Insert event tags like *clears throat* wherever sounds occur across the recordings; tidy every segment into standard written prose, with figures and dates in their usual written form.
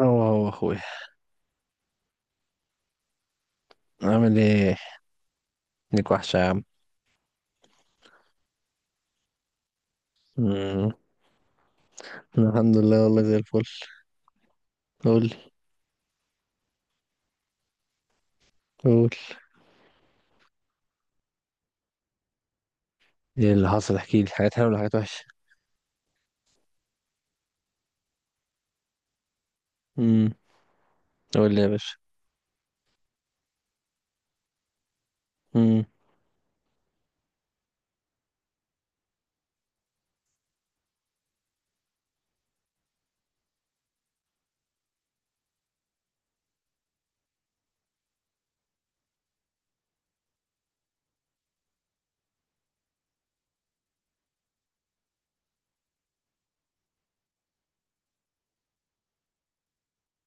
هو اخويا. عامل ايه؟ ليك وحشة يا عم. مم. الحمد لله، والله زي الفل. قول لي. قول لي، ايه اللي حصل؟ احكي لي حاجات حلوة ولا حاجات وحشة؟ امم قول لي يا باشا. امم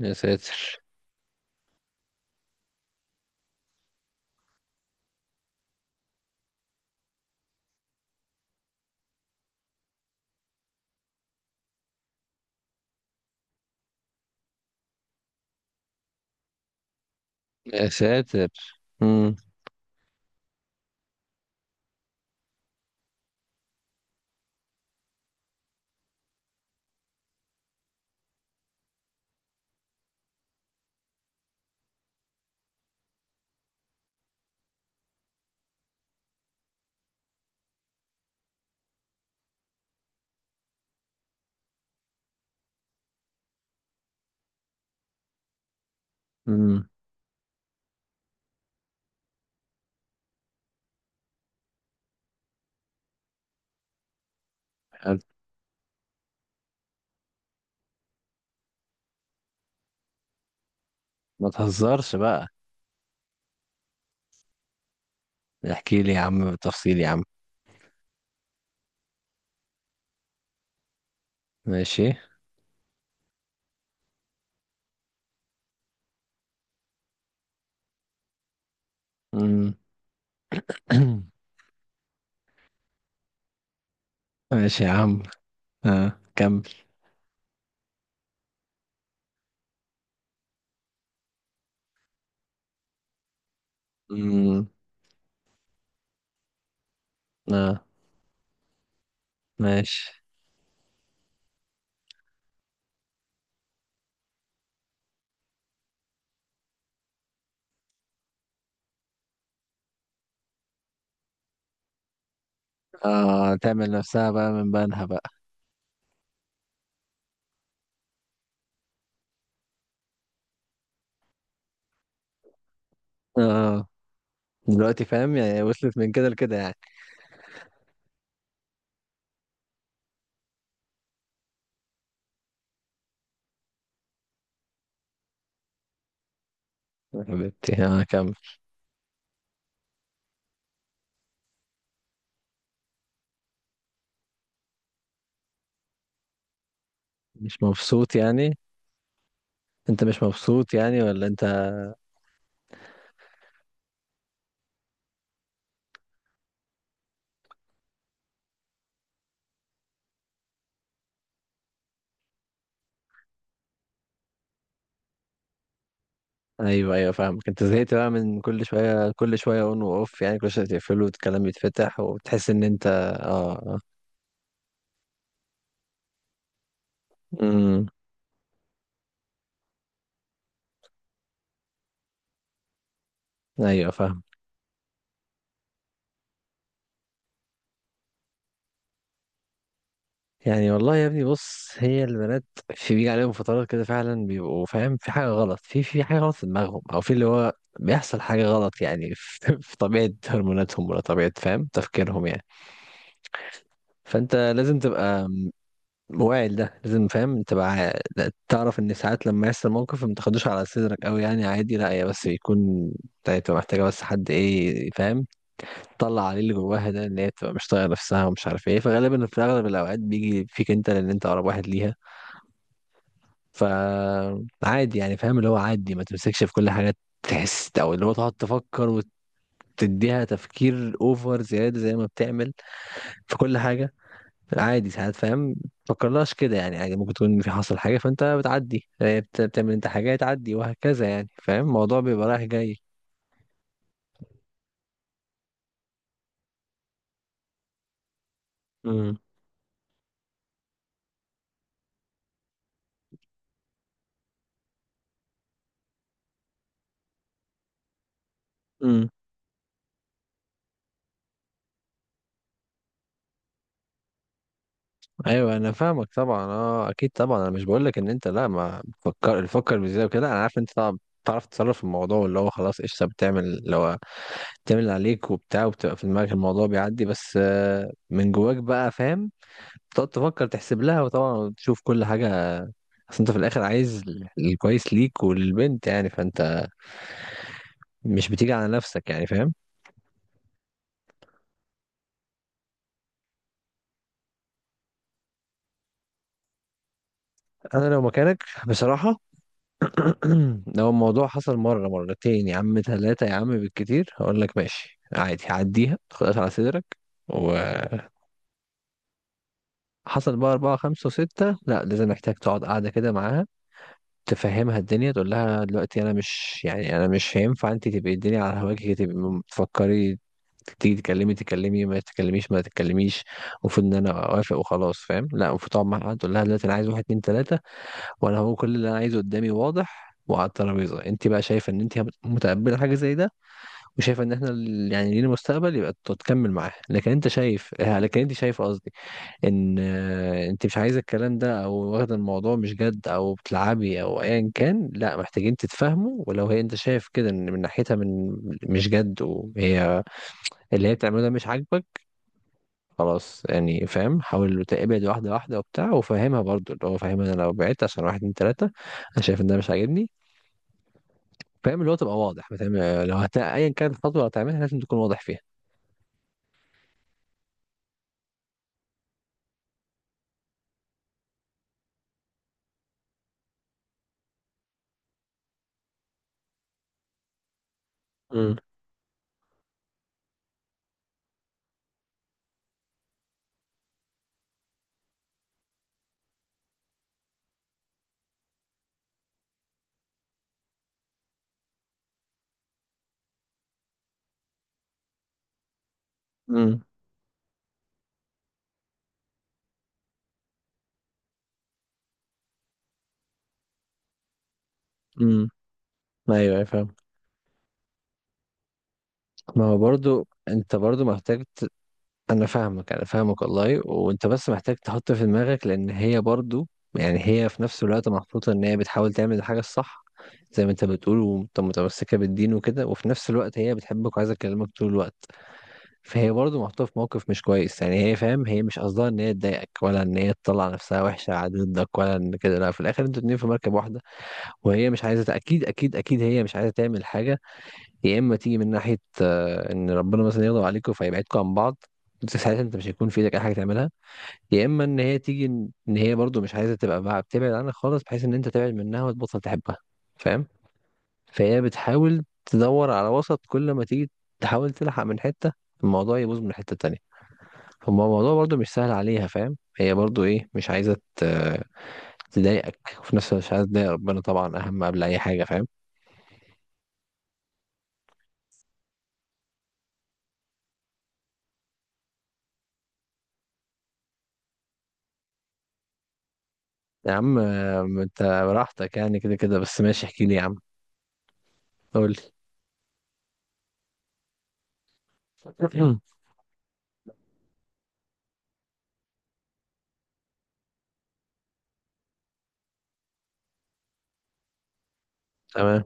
يا ساتر. يا ساتر. امم امم حلو. ما تهزرش بقى، احكي لي يا عم بالتفصيل يا عم. ماشي. امم *clears throat* ماشي يا عم. اه كمل. امم اه. ماشي. اه، تعمل نفسها بقى من بنها بقى. اه، دلوقتي فاهم يعني، وصلت من كده لكده يعني. حبيبتي انا، كمل. مش مبسوط يعني؟ انت مش مبسوط يعني ولا انت؟ ايوه، ايوه، فاهمك. انت زهقت بقى، من كل شويه كل شويه اون واوف، يعني كل شويه تقفله والكلام يتفتح وتحس ان انت... اه. امم ايوه فاهم. يعني والله يا ابني، بص، هي البنات في بيجي عليهم فترات كده فعلا، بيبقوا فاهم في حاجه غلط، في حاجه غلط في دماغهم، او في اللي هو بيحصل حاجه غلط يعني، في *laughs* في طبيعه هرموناتهم، ولا طبيعه فاهم تفكيرهم يعني. فانت لازم تبقى واعي، ده لازم فاهم تبقى، لا، تعرف ان ساعات لما يحصل موقف ما تاخدوش على صدرك قوي، يعني عادي، لا هي بس بيكون تبقى محتاجه بس حد، ايه فاهم، تطلع عليه اللي جواها، ده ان هي تبقى مش طايقه نفسها ومش عارف ايه، فغالبا في اغلب الاوقات بيجي فيك انت، لان انت اقرب واحد ليها. فعادي يعني، فاهم، اللي هو عادي ما تمسكش في كل حاجه تحس، او اللي هو تقعد تفكر وتديها تفكير اوفر زياده زي ما بتعمل في كل حاجه. عادي ساعات، فاهم، متفكرلهاش كده، يعني عادي ممكن تكون في حصل حاجة فانت بتعدي، بتعمل انت حاجة تعدي، وهكذا، يعني فاهم الموضوع بيبقى رايح جاي. امم امم ايوه انا فاهمك طبعا، اه، اكيد طبعا. انا مش بقول لك ان انت، لا، ما بتفكر، تفكر بزياده وكده. انا عارف انت طبعا بتعرف تتصرف في الموضوع، اللي هو خلاص قشطه، بتعمل اللي هو بتعمل اللي عليك وبتاع، وبتبقى في دماغك الموضوع بيعدي، بس من جواك بقى فاهم، تقعد تفكر تحسب لها، وطبعا تشوف كل حاجه، اصل انت في الاخر عايز الكويس ليك وللبنت يعني، فانت مش بتيجي على نفسك يعني، فاهم. انا لو مكانك بصراحه، *clears throat* لو الموضوع حصل مره، مرتين يا عم، ثلاثه يا عم بالكتير، هقول لك ماشي، عادي، عديها خلاص على صدرك. وحصل بقى أربعة، خمسة وستة، لا لازم، محتاج تقعد قاعدة كده معاها، تفهمها الدنيا، تقول لها دلوقتي أنا مش، يعني أنا مش هينفع أنت تبقي الدنيا على هواكي، تبقي تفكري تيجي تكلمي، تكلمي، ما تتكلميش ما تتكلميش، المفروض إن أنا أوافق وخلاص، فاهم؟ لا، المفروض تقعد معاها تقول لها دلوقتي أنا عايز واحد، اتنين، تلاتة، وانا هو كل اللي انا عايزه قدامي واضح وعلى الترابيزه. انت بقى شايفه ان انت متقبله حاجه زي ده، وشايفه ان احنا، يعني لينا مستقبل، يبقى تكمل معاه. لكن انت شايف، لكن انت شايف قصدي، ان انت مش عايزه الكلام ده، او واخده الموضوع مش جد، او بتلعبي، او ايا كان، لا، محتاجين تتفاهموا. ولو هي انت شايف كده ان من ناحيتها، من... مش جد، وهي اللي هي بتعمله ده مش عاجبك، خلاص يعني، فاهم حاول تقبل، واحده واحده وبتاع، وفاهمها برضو، اللي هو فاهمها انا لو بعدت عشان واحد، اتنين، تلاته، انا شايف ان ده مش عاجبني، فاهم اللي هو تبقى واضح بتعمل، لو ايا كانت الخطوه اللي هتعملها لازم تكون واضح فيها. امم امم امم ايوه، أيوة، فاهم. ما هو برضو، انت برضو محتاج انا فاهمك، انا فاهمك والله، وانت بس محتاج تحط في دماغك، لان هي برضو، يعني هي في نفس الوقت محطوطة ان هي بتحاول تعمل الحاجة الصح زي ما انت بتقول، وانت متمسكة بالدين وكده، وفي نفس الوقت هي بتحبك وعايزة تكلمك طول الوقت. فهي برضه محطوطة في موقف مش كويس، يعني هي فاهم هي مش قصدها ان هي تضايقك، ولا ان هي تطلع نفسها وحشة على ضدك، ولا ان كده، لا، في الاخر انتوا اتنين في مركب واحدة، وهي مش عايزة، اكيد اكيد اكيد هي مش عايزة تعمل حاجة، يا اما تيجي من ناحية ان ربنا مثلا يغضب عليكم فيبعدكم عن بعض، انت ساعتها انت مش هيكون في ايدك اي حاجة تعملها، يا اما ان هي تيجي إن هي برضه مش عايزة تبقى بقى بتبعد عنك خالص، بحيث ان انت تبعد منها وتبطل تحبها، فاهم. فهي بتحاول تدور على وسط، كل ما تيجي تحاول تلحق من حتة، الموضوع يبوظ من حتة تانية. هما الموضوع برضو مش سهل عليها، فاهم هي برضو، ايه، مش عايزة تضايقك، وفي نفس الوقت مش عايزة تضايق ربنا طبعا، أهم قبل أي حاجة، فاهم. يا عم أنت براحتك يعني، كده كده بس، ماشي احكي لي يا عم. قول لي. *clears throat* تمام.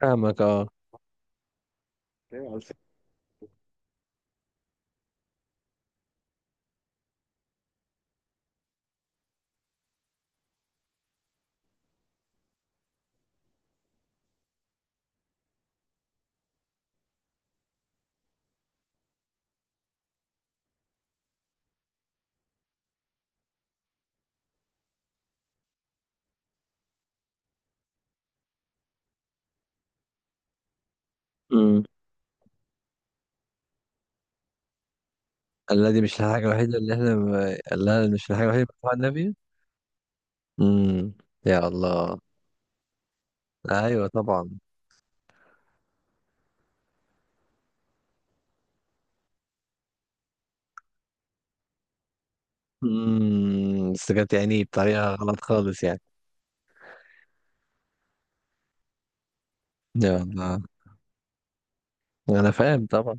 فاهمك، اه. امم قال لها دي مش الحاجة الوحيدة اللي احنا ب- قال لها مش الحاجة الوحيدة اللي بنقول على النبي. امم يا الله. ايوه طبعا. بس كانت يعني بطريقة غلط خالص يعني. يا الله. انا فاهم طبعا.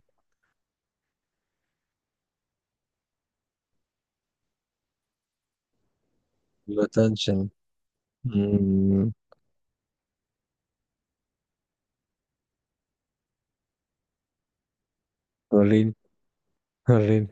الاتنشن. مم. وريني، وريني.